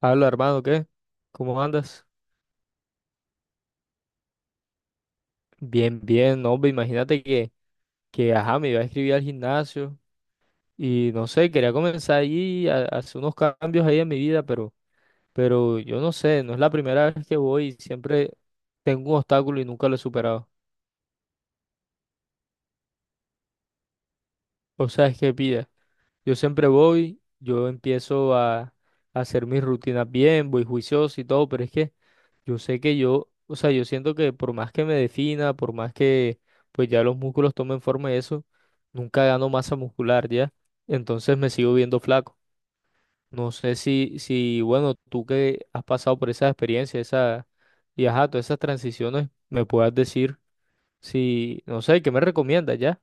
Habla, hermano, ¿qué? ¿Cómo andas? Bien, bien, no, hombre, imagínate que me iba a escribir al gimnasio y no sé, quería comenzar allí a hacer unos cambios ahí en mi vida, pero yo no sé, no es la primera vez que voy, y siempre tengo un obstáculo y nunca lo he superado. O sea, es que pida, yo siempre voy, yo empiezo a hacer mis rutinas bien, voy juicioso y todo, pero es que Yo sé que yo, o sea, yo siento que por más que me defina, por más que pues ya los músculos tomen forma y eso, nunca gano masa muscular ya. Entonces me sigo viendo flaco. No sé si, bueno, tú que has pasado por esa experiencia, esa, y ajá, todas esas transiciones, me puedas decir si, no sé, ¿qué me recomiendas ya?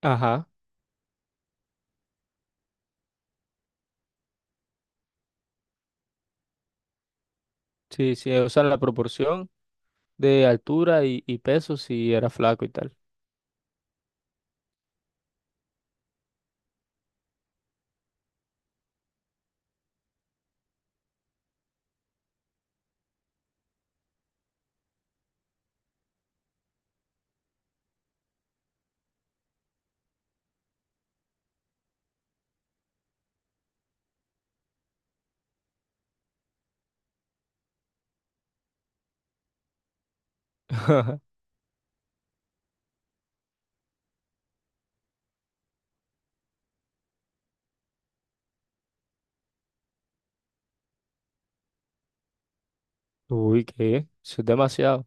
Ajá, sí, sí, o sea, la proporción de altura y peso si era flaco y tal. Uy, ¿qué? Eso es demasiado.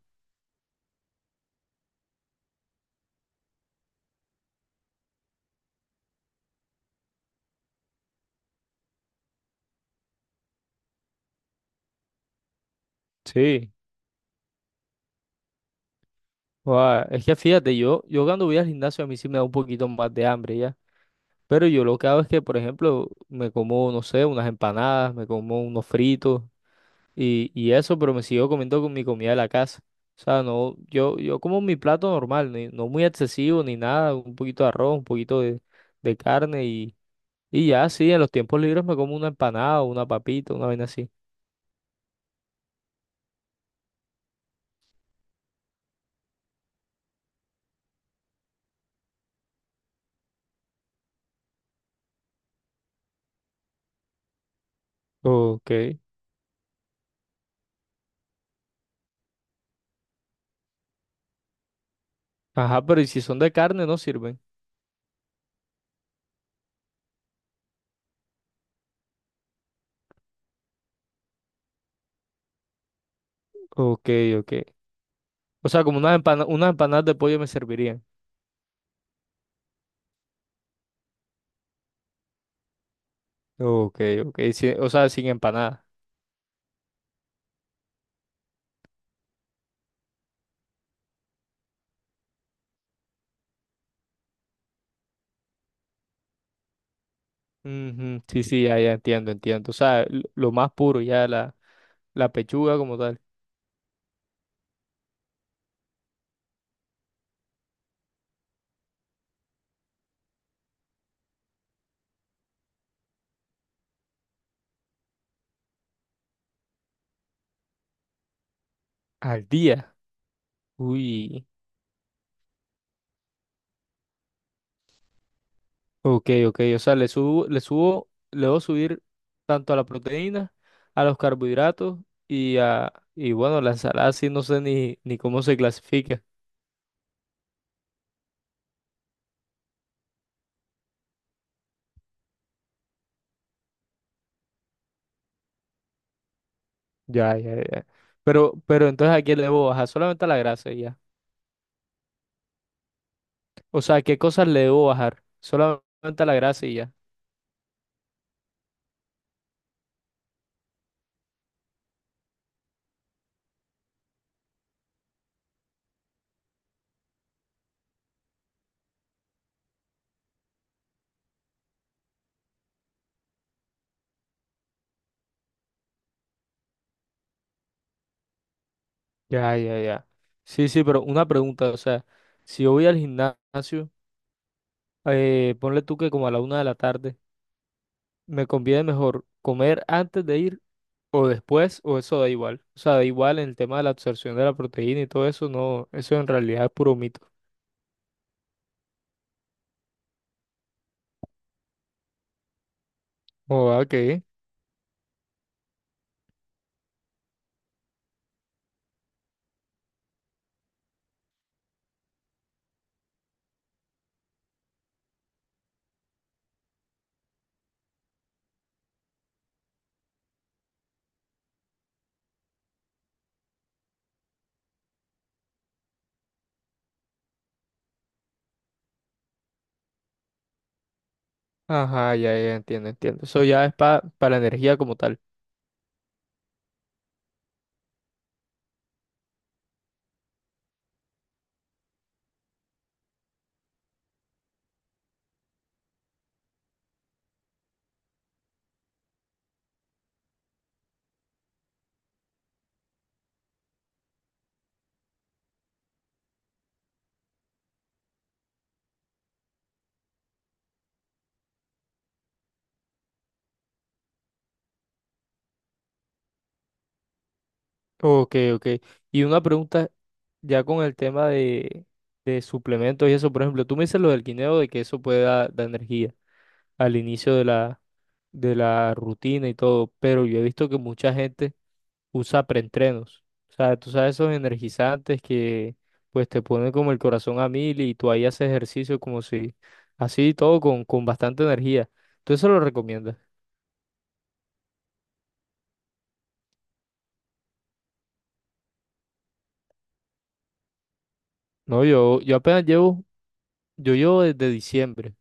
Sí. Guau, es que fíjate, yo cuando voy al gimnasio a mí sí me da un poquito más de hambre ya. Pero yo lo que hago es que, por ejemplo, me como, no sé, unas empanadas, me como unos fritos y eso, pero me sigo comiendo con mi comida de la casa. O sea, no, yo como mi plato normal, no muy excesivo ni nada, un poquito de arroz, un poquito de carne y ya, sí, en los tiempos libres me como una empanada, una papita, una vaina así. Ok. Ajá, ¿pero y si son de carne no sirven? Ok, ok. O sea, como unas empanadas de pollo me servirían. Ok, ok, sí, o sea, sin empanada. Ujú, sí, sí, ya, ya entiendo, entiendo. O sea, lo más puro, ya la pechuga como tal. Al día. Uy. Ok, ok. O sea, le debo subir tanto a la proteína, a los carbohidratos y bueno, la ensalada sí no sé ni cómo se clasifica. Ya, ya, ya. Pero entonces ¿a qué le debo bajar? Solamente a la grasa y ya. O sea, ¿qué cosas le debo bajar? Solamente a la grasa y ya. Ya, ya, ya. Sí, sí, pero una pregunta, o sea, si yo voy al gimnasio, ponle tú que como a la una de la tarde, ¿me conviene mejor comer antes de ir o después o eso da igual? O sea, da igual en el tema de la absorción de la proteína y todo eso, no, eso en realidad es puro mito. Oh, ok. Ajá, ya, ya, entiendo, entiendo. Eso ya es para la energía como tal. Ok, ok. Y una pregunta ya con el tema de suplementos y eso, por ejemplo, tú me dices lo del guineo de que eso puede dar energía al inicio de la rutina y todo, pero yo he visto que mucha gente usa preentrenos. O sea, tú sabes esos energizantes que pues te ponen como el corazón a mil y tú ahí haces ejercicio como si así todo con bastante energía. ¿Tú eso lo recomiendas? No, yo apenas llevo, yo llevo desde diciembre,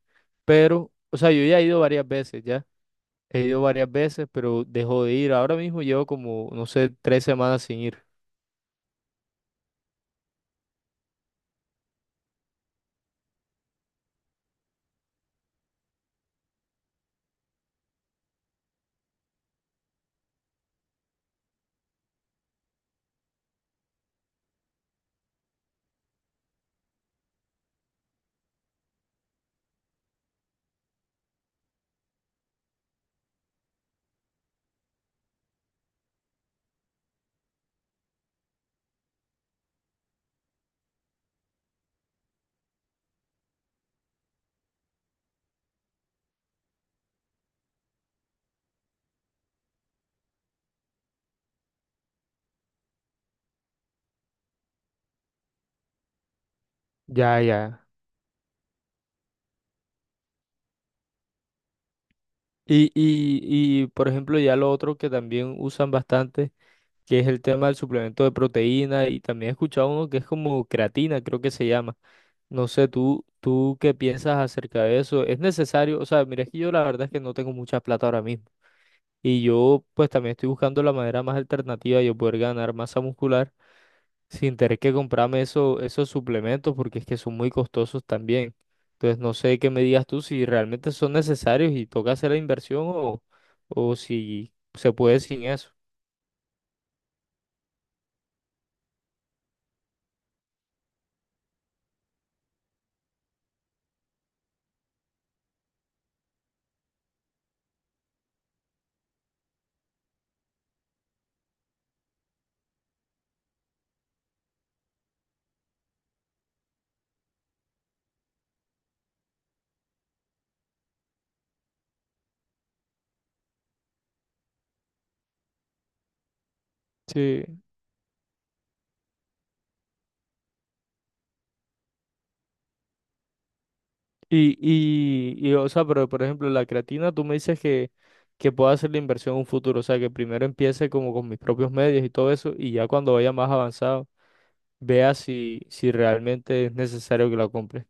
pero, o sea, yo ya he ido varias veces, ya. He ido varias veces, pero dejo de ir. Ahora mismo llevo como, no sé, tres semanas sin ir. Ya, ya. Y por ejemplo, ya lo otro que también usan bastante, que es el tema del suplemento de proteína, y también he escuchado uno que es como creatina, creo que se llama. No sé, tú qué piensas acerca de eso. ¿Es necesario? O sea, mira, es que yo la verdad es que no tengo mucha plata ahora mismo. Y yo, pues también estoy buscando la manera más alternativa de yo poder ganar masa muscular sin tener que comprarme esos suplementos porque es que son muy costosos también. Entonces no sé qué me digas tú si realmente son necesarios y toca hacer la inversión o si se puede sin eso. Sí, y o sea, pero por ejemplo, la creatina, tú me dices que puedo hacer la inversión en un futuro, o sea, que primero empiece como con mis propios medios y todo eso, y ya cuando vaya más avanzado, vea si realmente es necesario que la compre.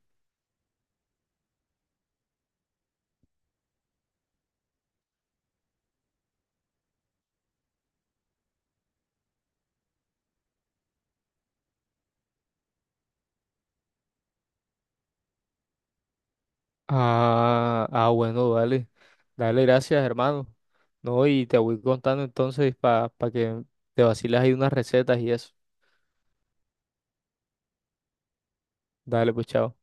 Ah, ah, bueno, dale. Dale, gracias, hermano. No, y te voy contando entonces para que te vaciles ahí unas recetas y eso. Dale, pues, chao.